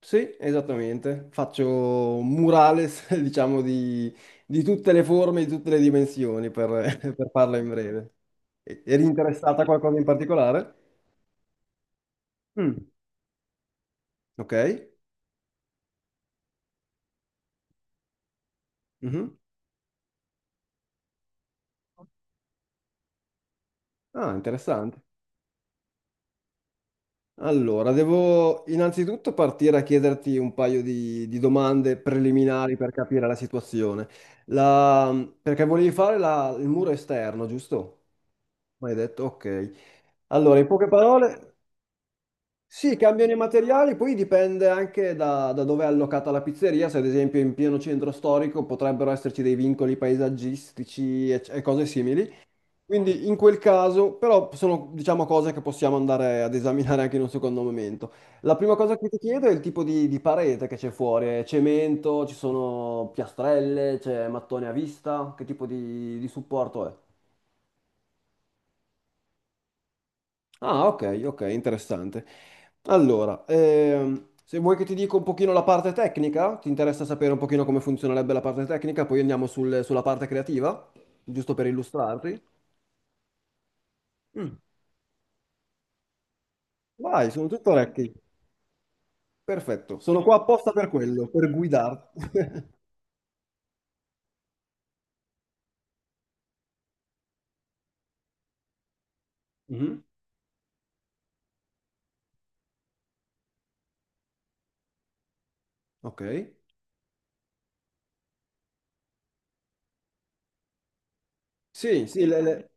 Sì, esattamente. Faccio un murales, diciamo, di tutte le forme, di tutte le dimensioni, per farla in breve. Eri interessata a qualcosa in particolare? Mm. Ok. Mhm. Ah, interessante. Allora, devo innanzitutto partire a chiederti un paio di domande preliminari per capire la situazione. La- Perché volevi fare il muro esterno, giusto? Ma hai detto, ok. Allora, in poche parole, sì, cambiano i materiali, poi dipende anche da dove è allocata la pizzeria, se ad esempio in pieno centro storico potrebbero esserci dei vincoli paesaggistici e cose simili. Quindi in quel caso, però sono diciamo cose che possiamo andare ad esaminare anche in un secondo momento. La prima cosa che ti chiedo è il tipo di parete che c'è fuori, è cemento, ci sono piastrelle, c'è mattone a vista, che tipo di supporto è? Ah, ok, ok, interessante. Allora, se vuoi che ti dica un pochino la parte tecnica, ti interessa sapere un pochino come funzionerebbe la parte tecnica, poi andiamo sulla parte creativa, giusto per illustrarti. Mm. Vai, sono tutto orecchi. Perfetto, sono qua apposta per quello, per guidarti. Mhm. Ok. Sì, sì,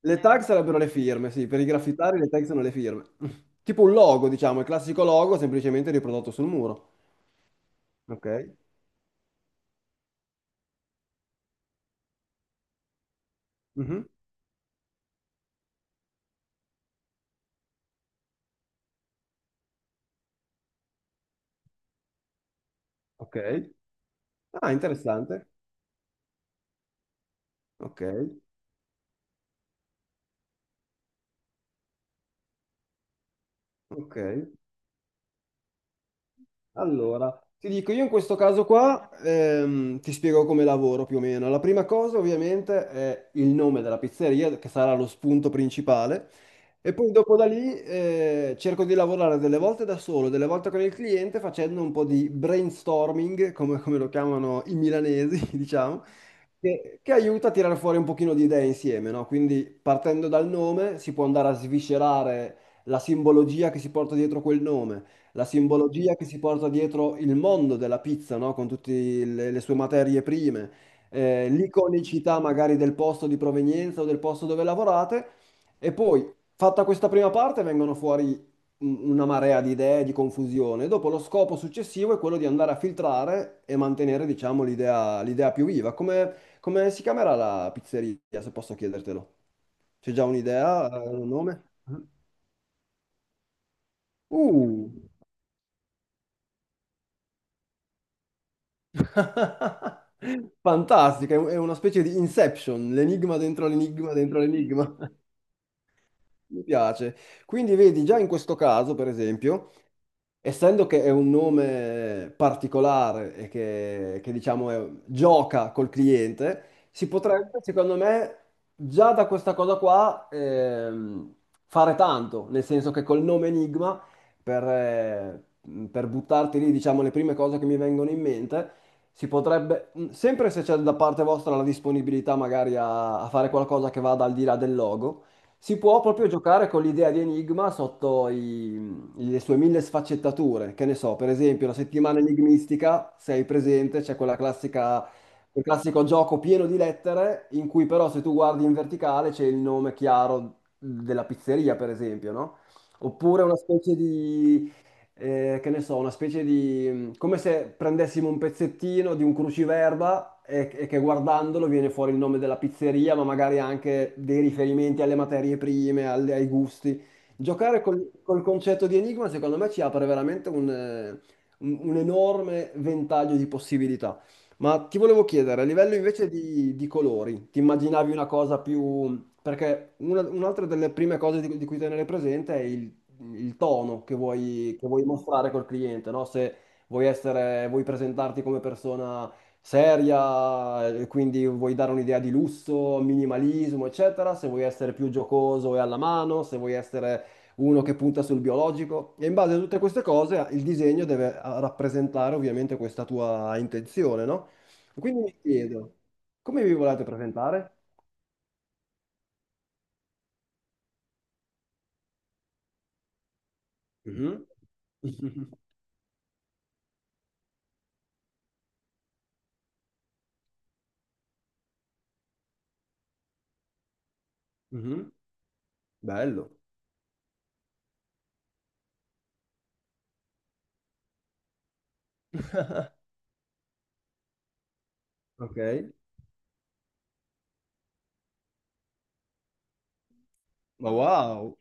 le tag sarebbero le firme, sì, per i graffitari le tag sono le firme. Tipo un logo, diciamo, il classico logo semplicemente riprodotto sul muro. Ok. Mhm. Ok. Ah, interessante. Ok, ok. Allora, ti dico, io in questo caso qua ti spiego come lavoro più o meno. La prima cosa ovviamente è il nome della pizzeria, che sarà lo spunto principale, e poi dopo da lì cerco di lavorare delle volte da solo, delle volte con il cliente, facendo un po' di brainstorming, come, come lo chiamano i milanesi, diciamo, che aiuta a tirare fuori un pochino di idee insieme, no? Quindi partendo dal nome si può andare a sviscerare la simbologia che si porta dietro quel nome, la simbologia che si porta dietro il mondo della pizza, no? Con tutte le sue materie prime, l'iconicità magari del posto di provenienza o del posto dove lavorate. E poi, fatta questa prima parte, vengono fuori una marea di idee, di confusione. Dopo lo scopo successivo è quello di andare a filtrare e mantenere, diciamo, l'idea più viva. Come, come si chiamerà la pizzeria, se posso chiedertelo? C'è già un'idea, un nome? Uh! Fantastica, è è una specie di Inception, l'enigma dentro l'enigma dentro l'enigma. Mi piace. Quindi vedi, già in questo caso, per esempio, essendo che è un nome particolare e diciamo gioca col cliente, si potrebbe, secondo me, già da questa cosa qua fare tanto, nel senso che col nome Enigma, per, eh, per buttarti lì, diciamo, le prime cose che mi vengono in mente, si potrebbe, sempre se c'è da parte vostra la disponibilità magari a fare qualcosa che vada al di là del logo, si può proprio giocare con l'idea di Enigma sotto i le sue mille sfaccettature. Che ne so, per esempio, la settimana enigmistica, se hai presente, c'è quella classica, quel classico gioco pieno di lettere, in cui però se tu guardi in verticale c'è il nome chiaro della pizzeria, per esempio, no? Oppure una specie di che ne so, una specie di mm, come se prendessimo un pezzettino di un cruciverba e che guardandolo viene fuori il nome della pizzeria, ma magari anche dei riferimenti alle materie prime, ai gusti. Giocare col concetto di enigma, secondo me, ci apre veramente un, un enorme ventaglio di possibilità. Ma ti volevo chiedere, a livello invece di colori, ti immaginavi una cosa più... Perché un'altra delle prime cose di cui tenere presente è il tono che vuoi mostrare col cliente, no? Se vuoi presentarti come persona seria, e quindi vuoi dare un'idea di lusso, minimalismo, eccetera, se vuoi essere più giocoso e alla mano, se vuoi essere uno che punta sul biologico. E in base a tutte queste cose il disegno deve rappresentare ovviamente questa tua intenzione, no? Quindi mi chiedo, come vi volete presentare? Mhm. Mhm. Bello. Ok. Ma wow.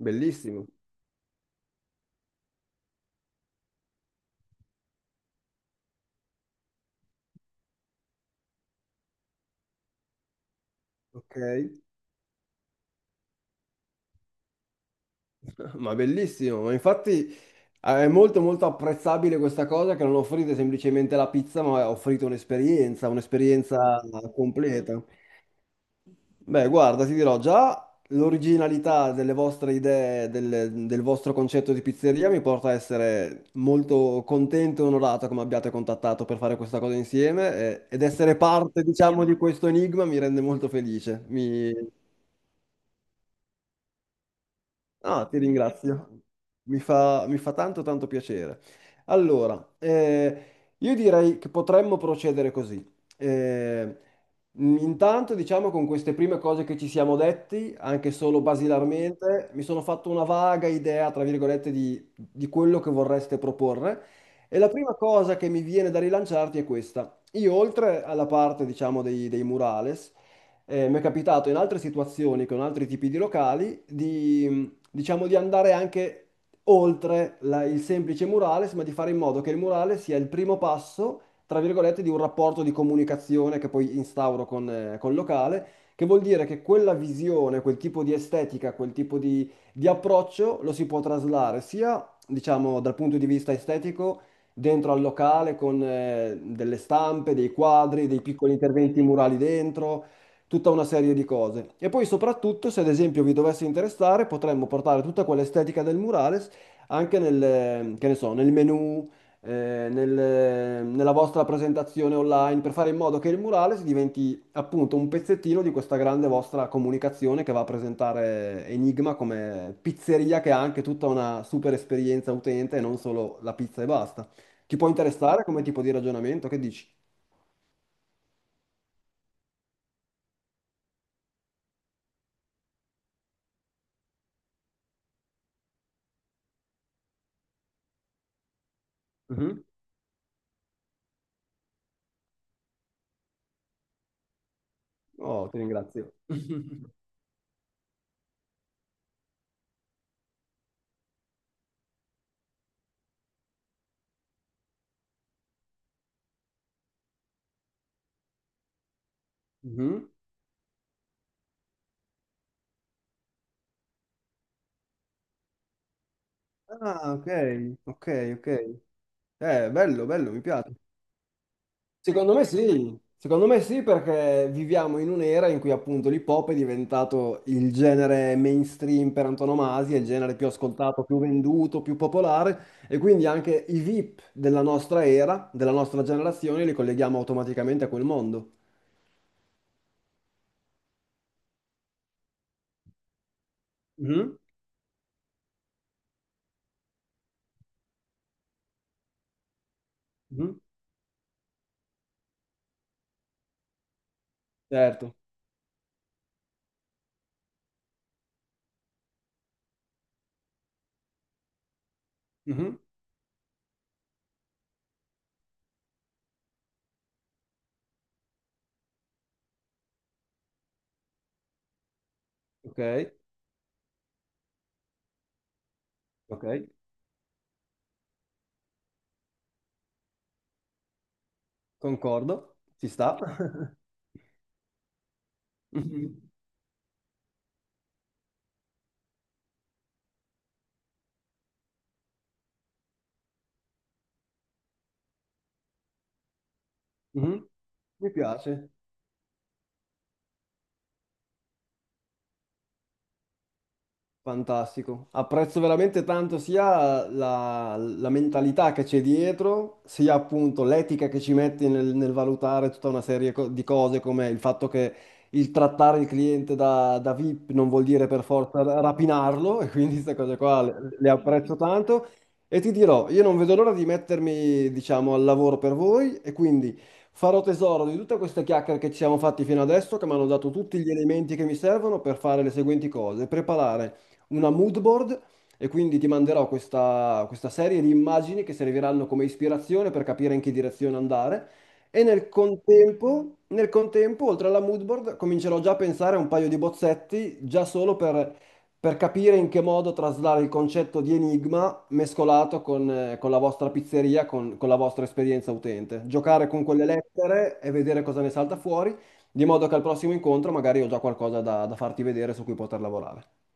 Bellissimo, ok, ma bellissimo, ma infatti è molto molto apprezzabile questa cosa che non offrite semplicemente la pizza, ma offrite un'esperienza, un'esperienza completa. Beh, guarda, ti dirò già l'originalità delle vostre idee, del vostro concetto di pizzeria mi porta a essere molto contento e onorato come abbiate contattato per fare questa cosa insieme ed essere parte, diciamo, di questo enigma mi rende molto felice. Mi... Ah, ti ringrazio. Mi fa tanto tanto piacere. Allora, io direi che potremmo procedere così. Eh, intanto, diciamo, con queste prime cose che ci siamo detti, anche solo basilarmente, mi sono fatto una vaga idea, tra virgolette, di quello che vorreste proporre. E la prima cosa che mi viene da rilanciarti è questa. Io, oltre alla parte, diciamo, dei murales, mi è capitato in altre situazioni con altri tipi di locali di, diciamo di andare anche oltre il semplice murales, ma di fare in modo che il murale sia il primo passo, tra virgolette, di un rapporto di comunicazione che poi instauro con, col locale, che vuol dire che quella visione, quel tipo di estetica, quel tipo di approccio lo si può traslare sia, diciamo, dal punto di vista estetico dentro al locale con delle stampe, dei quadri, dei piccoli interventi murali dentro tutta una serie di cose. E poi soprattutto, se ad esempio vi dovesse interessare, potremmo portare tutta quell'estetica del murales anche nel, che ne so, nel menu, nella vostra presentazione online, per fare in modo che il murales diventi appunto un pezzettino di questa grande vostra comunicazione che va a presentare Enigma come pizzeria che ha anche tutta una super esperienza utente e non solo la pizza e basta. Ti può interessare come tipo di ragionamento? Che dici? Mhm. Oh, ti ringrazio. Mhm. Ah, ok, ok, ok. Bello, bello, mi piace. Secondo me sì perché viviamo in un'era in cui appunto l'hip hop è diventato il genere mainstream per antonomasia, il genere più ascoltato, più venduto, più popolare e quindi anche i VIP della nostra era, della nostra generazione, li colleghiamo automaticamente a quel mondo. Mhm, mhm, certo. Mhm. Ok, ok, concordo. Ci sta. Mhm, mhm. Mi piace. Fantastico, apprezzo veramente tanto sia la mentalità che c'è dietro, sia appunto l'etica che ci metti nel, nel valutare tutta una serie di cose, come il fatto che il trattare il cliente da VIP non vuol dire per forza rapinarlo, e quindi queste cose qua le apprezzo tanto. E ti dirò, io non vedo l'ora di mettermi, diciamo, al lavoro per voi, e quindi farò tesoro di tutte queste chiacchiere che ci siamo fatti fino adesso, che mi hanno dato tutti gli elementi che mi servono per fare le seguenti cose, preparare una mood board e quindi ti manderò questa, questa serie di immagini che serviranno come ispirazione per capire in che direzione andare. E nel contempo, oltre alla mood board, comincerò già a pensare a un paio di bozzetti, già solo per capire in che modo traslare il concetto di enigma mescolato con la vostra pizzeria, con la vostra esperienza utente. Giocare con quelle lettere e vedere cosa ne salta fuori, di modo che al prossimo incontro magari ho già qualcosa da da farti vedere su cui poter lavorare.